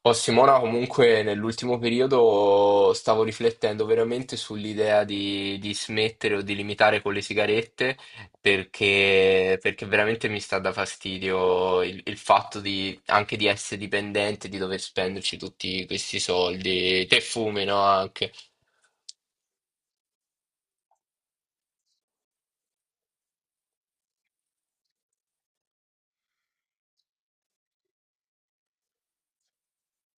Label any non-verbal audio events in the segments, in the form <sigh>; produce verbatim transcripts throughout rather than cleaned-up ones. Oh, Simona, comunque nell'ultimo periodo stavo riflettendo veramente sull'idea di, di smettere o di limitare con le sigarette perché, perché veramente mi sta da fastidio il, il fatto di, anche di essere dipendente, di dover spenderci tutti questi soldi. Te fumi, no? Anche.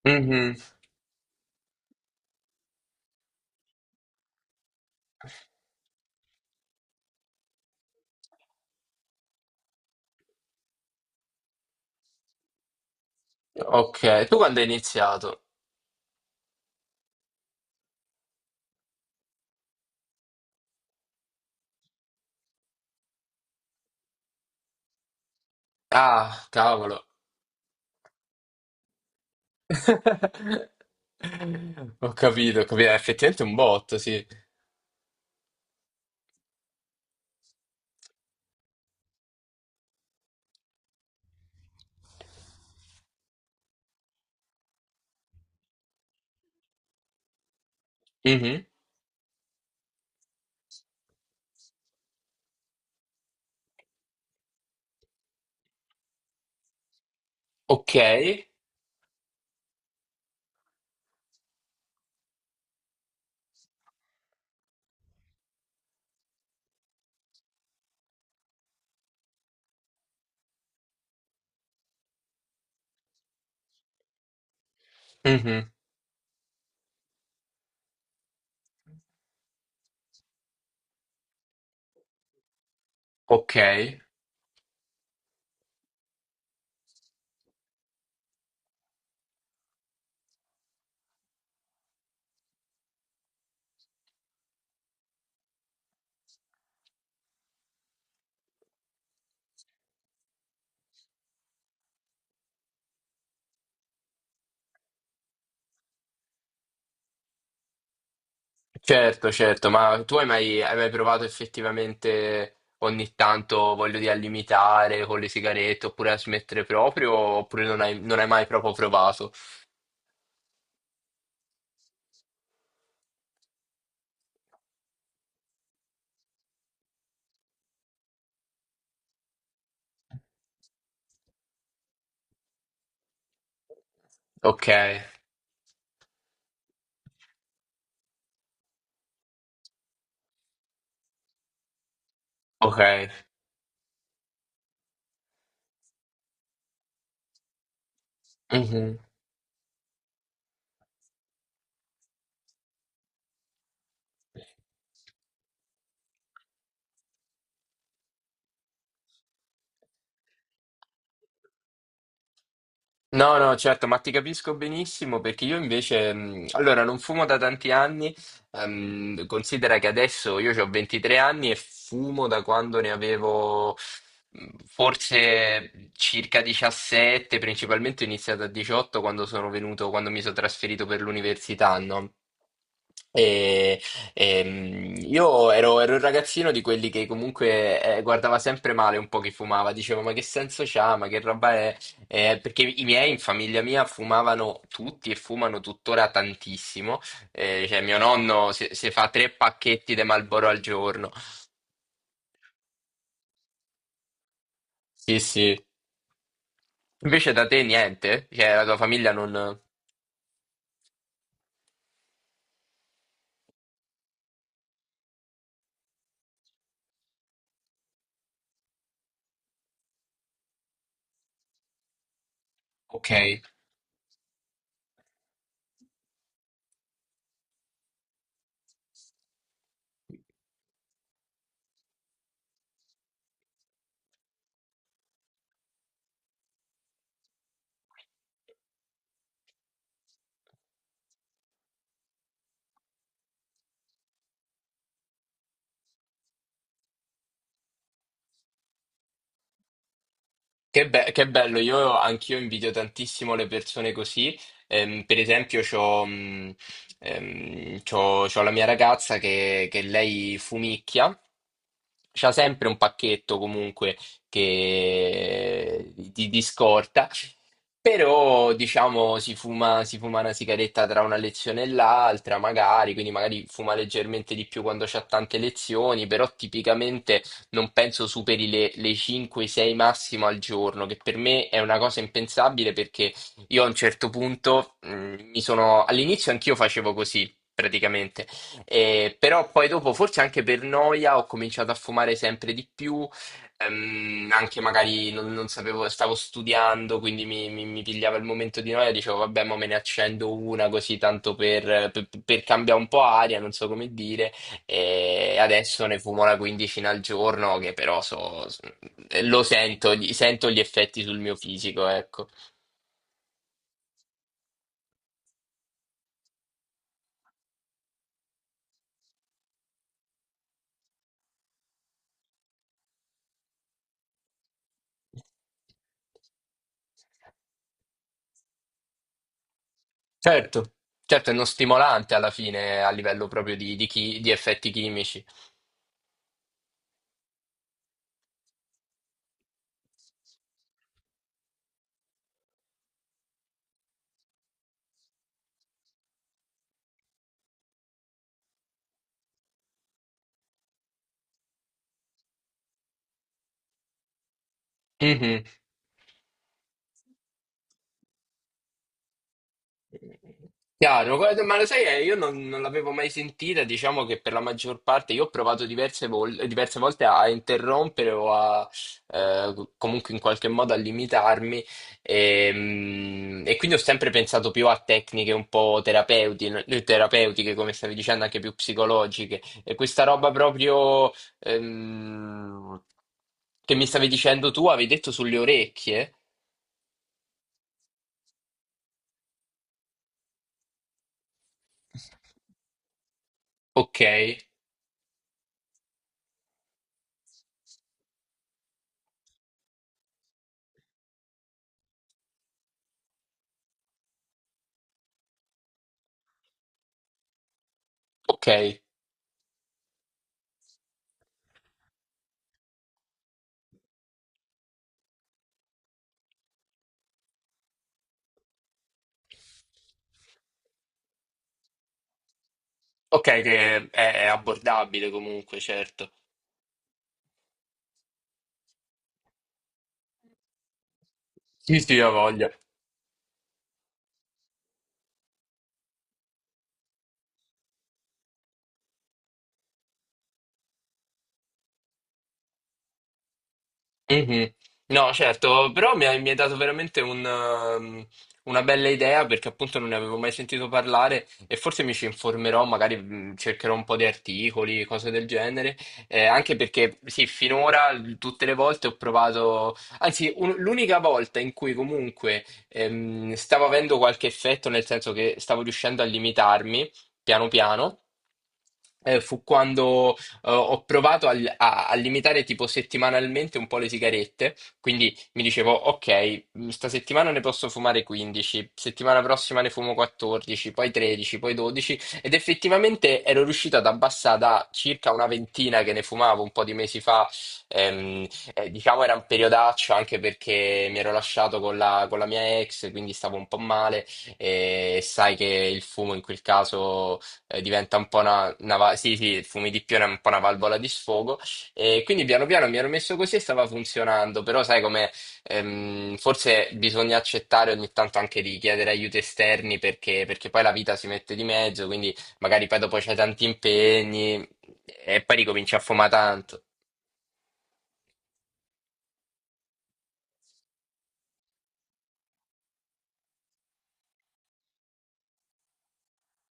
Mhm. Ok, tu quando hai iniziato? Ah, cavolo. <laughs> Ho capito, ho capito. Eh, effettivamente è effettivamente un botto, sì. Okay, mh-mh, okay. Certo, certo, ma tu hai mai hai mai provato effettivamente ogni tanto, voglio dire, a limitare con le sigarette oppure a smettere proprio, oppure non hai non hai mai proprio provato? Okay, okay. Mh-mh. No, no, certo, ma ti capisco benissimo perché io invece, mh, allora, non fumo da tanti anni, ehm, considera che adesso io ho ventitré anni e fumo da quando ne avevo mh, forse circa diciassette, principalmente ho iniziato a diciotto quando sono venuto, quando mi sono trasferito per l'università, no? E, ehm, io ero, ero un ragazzino di quelli che comunque eh, guardava sempre male un po' chi fumava, diceva ma che senso c'ha, ma che roba è? Eh, perché i miei in famiglia mia fumavano tutti e fumano tuttora tantissimo. Eh, cioè, mio nonno si, si fa tre pacchetti di Marlboro al giorno. Sì, sì. Invece da te niente? Cioè, la tua famiglia non... Ok. Che, be- che bello, io anch'io invidio tantissimo le persone così. Ehm, per esempio, c'ho, mh, ehm, c'ho- c'ho la mia ragazza che, che lei fumicchia. C'ha sempre un pacchetto comunque che- di, di scorta, però diciamo si fuma, si fuma una sigaretta tra una lezione e l'altra, magari, quindi magari fuma leggermente di più quando c'ha tante lezioni, però tipicamente non penso superi le, le cinque sei massimo al giorno, che per me è una cosa impensabile perché io a un certo punto mh, mi sono... All'inizio anch'io facevo così. Praticamente, eh, però poi dopo, forse anche per noia, ho cominciato a fumare sempre di più, ehm, anche magari non, non sapevo, stavo studiando, quindi mi, mi- mi pigliava il momento di noia, dicevo vabbè, ma me ne accendo una così tanto per, per- per cambiare un po' aria, non so come dire. E adesso ne fumo una quindicina al giorno, che però so, lo sento, gli- sento gli effetti sul mio fisico, ecco. Certo, certo, è uno stimolante alla fine a livello proprio di, di chi- di effetti chimici. Mhm. Chiaro, guarda, ma lo sai, eh, io non, non l'avevo mai sentita, diciamo che per la maggior parte io ho provato diverse, vol- diverse volte a interrompere o a eh, comunque in qualche modo a limitarmi e, mm, e quindi ho sempre pensato più a tecniche un po' terapeuti- terapeutiche, come stavi dicendo, anche più psicologiche. E questa roba proprio ehm, che mi stavi dicendo tu, avevi detto sulle orecchie? Ok, ok. Ok, che è, è abbordabile comunque, certo. Sì, sì, ho voglia. Mhm. No, certo, però mi hai, mi hai dato veramente un, um, una bella idea perché appunto non ne avevo mai sentito parlare e forse mi ci informerò, magari mm, cercherò un po' di articoli, cose del genere, eh, anche perché sì, finora l- tutte le volte ho provato, anzi un- l'unica volta in cui comunque ehm, stavo avendo qualche effetto, nel senso che stavo riuscendo a limitarmi piano piano, eh, fu quando eh, ho provato al- a, a limitare tipo settimanalmente un po' le sigarette, quindi mi dicevo, ok, mh, sta settimana ne posso fumare quindici, settimana prossima ne fumo quattordici, poi tredici, poi dodici, ed effettivamente ero riuscito ad abbassare da circa una ventina che ne fumavo un po' di mesi fa, ehm, eh, diciamo era un periodaccio anche perché mi ero lasciato con la, con la mia ex, quindi stavo un po' male e sai che il fumo in quel caso eh, diventa un po' una, una va- sì, sì, il fumo di pione è un po' una valvola di sfogo. E quindi piano piano mi ero messo così e stava funzionando, però sai come ehm, forse bisogna accettare ogni tanto anche di chiedere aiuti esterni perché, perché poi la vita si mette di mezzo, quindi magari poi dopo c'hai tanti impegni e poi ricominci a fumare tanto.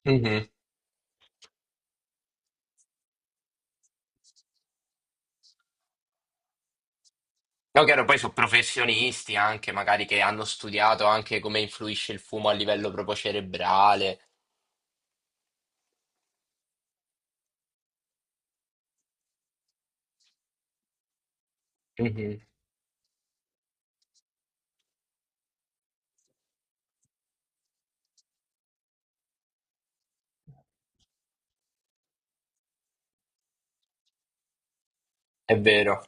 Mhm. No, chiaro, poi sono professionisti anche, magari che hanno studiato anche come influisce il fumo a livello proprio cerebrale. Mhm. È vero.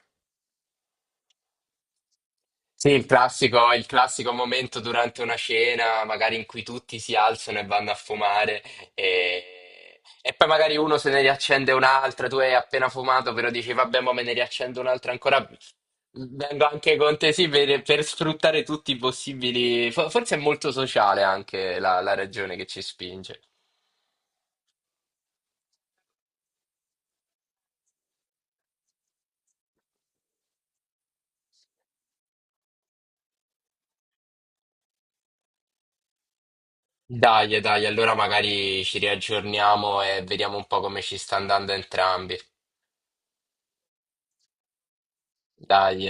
Sì, il classico, il classico momento durante una cena, magari in cui tutti si alzano e vanno a fumare e, e poi magari uno se ne riaccende un'altra, tu hai appena fumato, però dici vabbè, ma me ne riaccendo un'altra ancora. Vengo anche con te, sì, per, per sfruttare tutti i possibili. fo- Forse è molto sociale anche la, la ragione che ci spinge. Dai, dai, allora magari ci riaggiorniamo e vediamo un po' come ci sta andando entrambi. Dai.